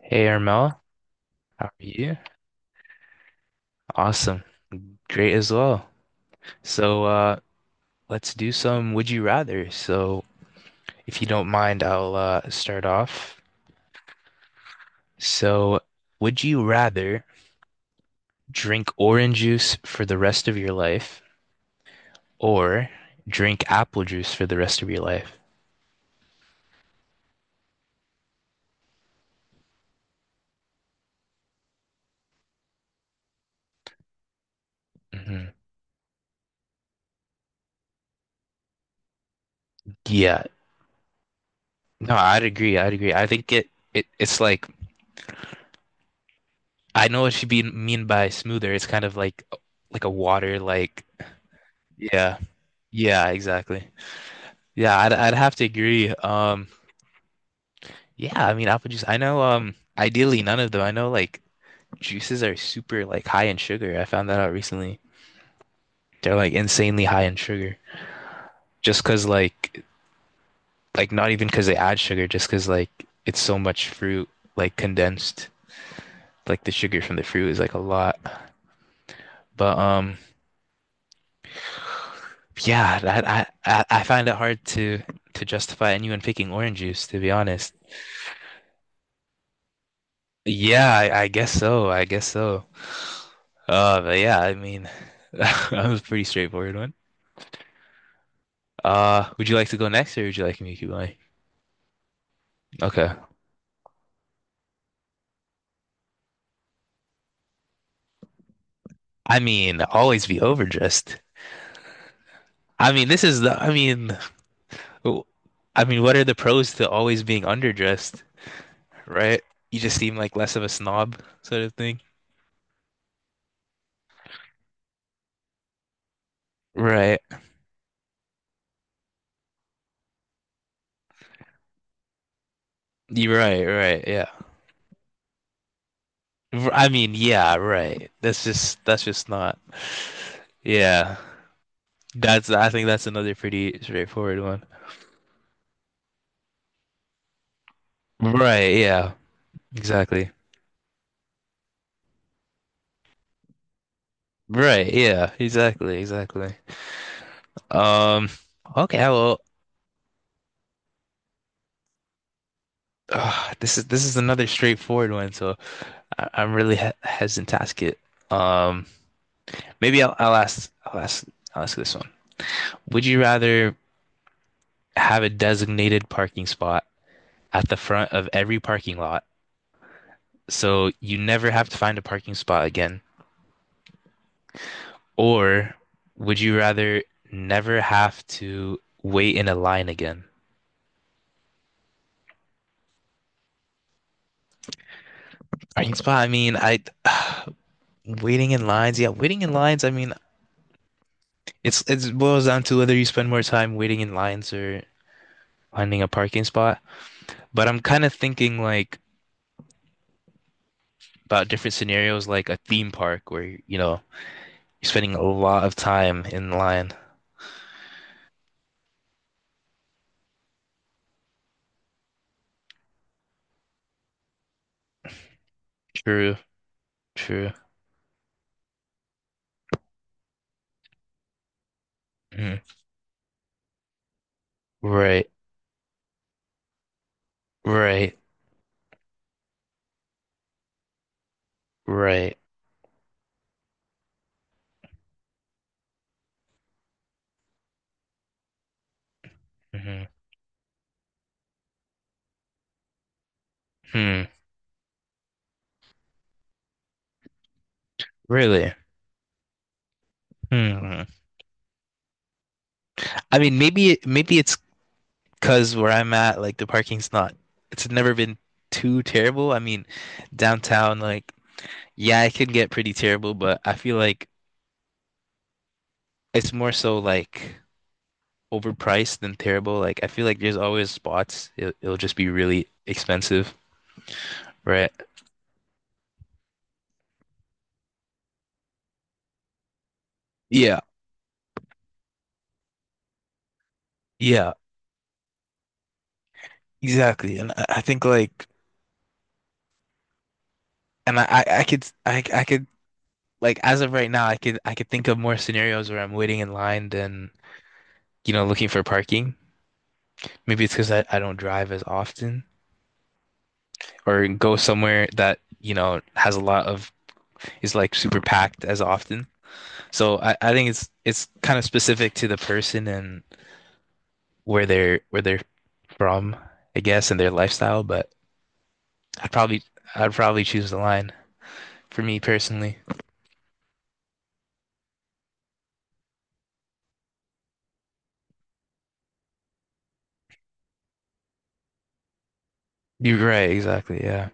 Hey Armel, how are you? Awesome. Great as well. So let's do some would you rather. So if you don't mind, I'll start off. So would you rather drink orange juice for the rest of your life or drink apple juice for the rest of your life? hmm Yeah. No, I'd agree. I'd agree. I think it it's like I know what you be mean by smoother. It's kind of like a water like yeah. Yeah, exactly. Yeah, I'd have to agree. Yeah, I mean apple juice. I know ideally none of them. I know like juices are super like high in sugar. I found that out recently. They're like insanely high in sugar. Just 'cause like not even 'cause they add sugar, just 'cause like it's so much fruit like condensed. Like the sugar from the fruit is like a lot. But yeah, that I find it hard to justify anyone picking orange juice to be honest. Yeah, I guess so. I guess so. But yeah, I mean, that was a pretty straightforward one. Would you like to go next, or would you like me to keep going? Okay. I mean, always be overdressed. I mean, this is the. I mean, w- I mean, what are the pros to always being underdressed, right? You just seem like less of a snob, sort of thing. Right. You're right. Right. Yeah. I mean, yeah. Right. That's just not. Yeah. That's I think that's another pretty straightforward one. Right, yeah. Exactly. Right, yeah. Exactly, exactly. Um okay, well this is another straightforward one, so I'm really he hesitant to ask it. Um maybe I'll ask I'll ask this one. Would you rather have a designated parking spot at the front of every parking lot so you never have to find a parking spot again, or would you rather never have to wait in a line again? Parking spot. I mean, I waiting in lines. Yeah, waiting in lines. I mean, it boils down to whether you spend more time waiting in lines or finding a parking spot. But I'm kind of thinking like about different scenarios, like a theme park where you know you're spending a lot of time in line. True, true. Mhm. Right, right, right. Hmm. Hmm. Really? Hmm. I mean, maybe it's because where I'm at, like the parking's not, it's never been too terrible. I mean, downtown, like, yeah, it can get pretty terrible, but I feel like it's more so like overpriced than terrible. Like, I feel like there's always spots, it'll just be really expensive, right? Yeah, yeah, exactly. And I think like, and I could like as of right now, I, could, I could think of more scenarios where I'm waiting in line than, you know, looking for parking. Maybe it's because I don't drive as often. Or go somewhere that, you know, has a lot of is like super packed as often. So I think it's kind of specific to the person and where they're from, I guess, and their lifestyle, but I'd probably I'd probably choose the line for me personally. You're right, exactly. Yeah.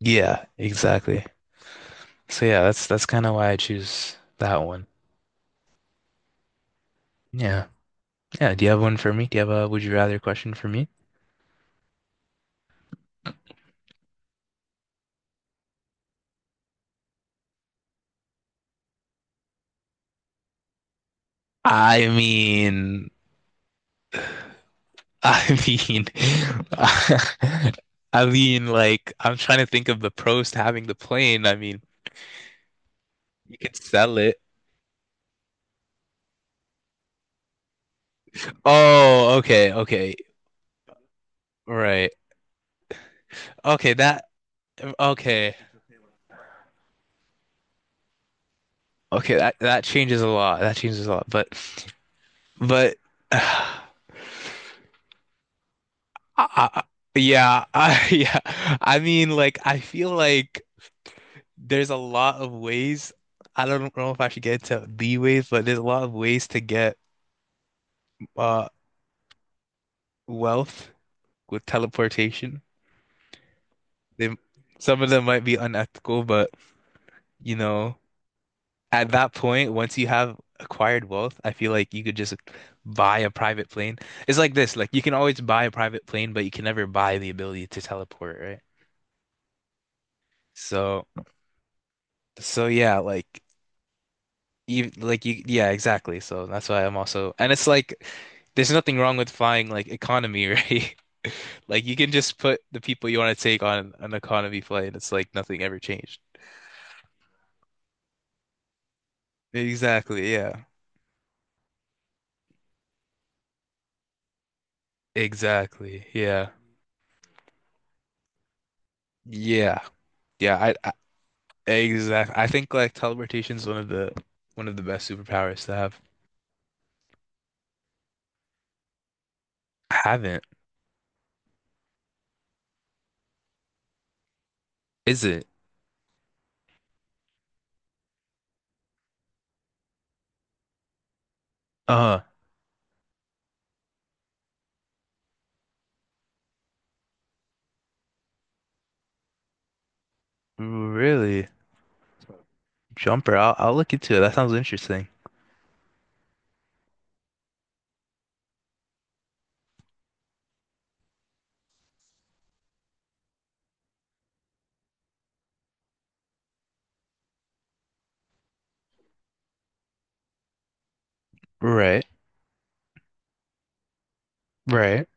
Yeah, exactly. So yeah, that's kind of why I choose that one. Yeah. Yeah, do you have one for me? Do you have a would you rather question for me? I mean, I mean, I mean, like, I'm trying to think of the pros to having the plane. I mean, you could sell it. Oh, okay, right. Okay, that, okay, okay, that changes a lot. That changes a lot. But, I, I- yeah, I, yeah, I mean, like, I feel like there's a lot of ways. I don't know if I should get into the ways, but there's a lot of ways to get, uh, wealth with teleportation. They some of them might be unethical, but you know, at that point, once you have acquired wealth, I feel like you could just buy a private plane. It's like this, like you can always buy a private plane, but you can never buy the ability to teleport, right? So, so yeah, like like you, yeah, exactly. So that's why I'm also, and it's like there's nothing wrong with flying like economy, right? Like you can just put the people you want to take on an economy flight. It's like nothing ever changed. Exactly, yeah. Exactly. Yeah. Yeah. Yeah, I exactly. I think like teleportation is one of the best superpowers to have. I haven't. Is it? Uh, really? Jumper. I'll look into it. That sounds interesting. Right. Right.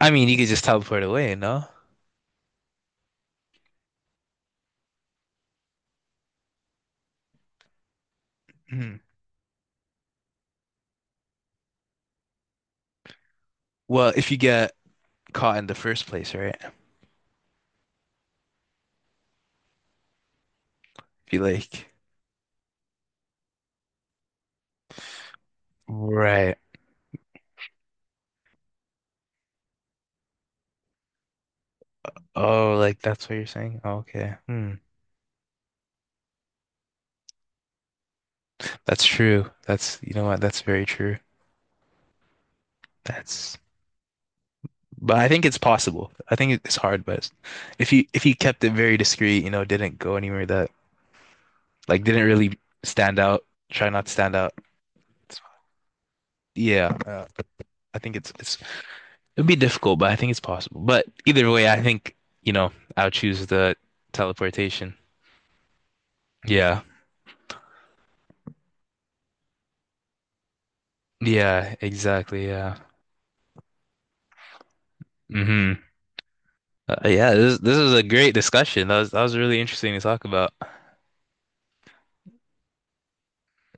I mean, you could just teleport away, no? Mhm. Well, if you get caught in the first place, right? If you like Right. Oh, like that's what you're saying? Okay. Hmm. That's true. That's, you know what? That's very true. That's But I think it's possible. I think it's hard, but if you kept it very discreet, you know, didn't go anywhere that like didn't really stand out, try not to stand out. it's- Yeah, I think it's it'd be difficult, but I think it's possible. But either way, I think, you know, I'll choose the teleportation. Yeah. Yeah, exactly. Yeah. Hmm. Yeah, this is a great discussion. That was really interesting to talk about.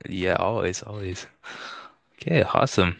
Yeah, always, always. Okay, awesome.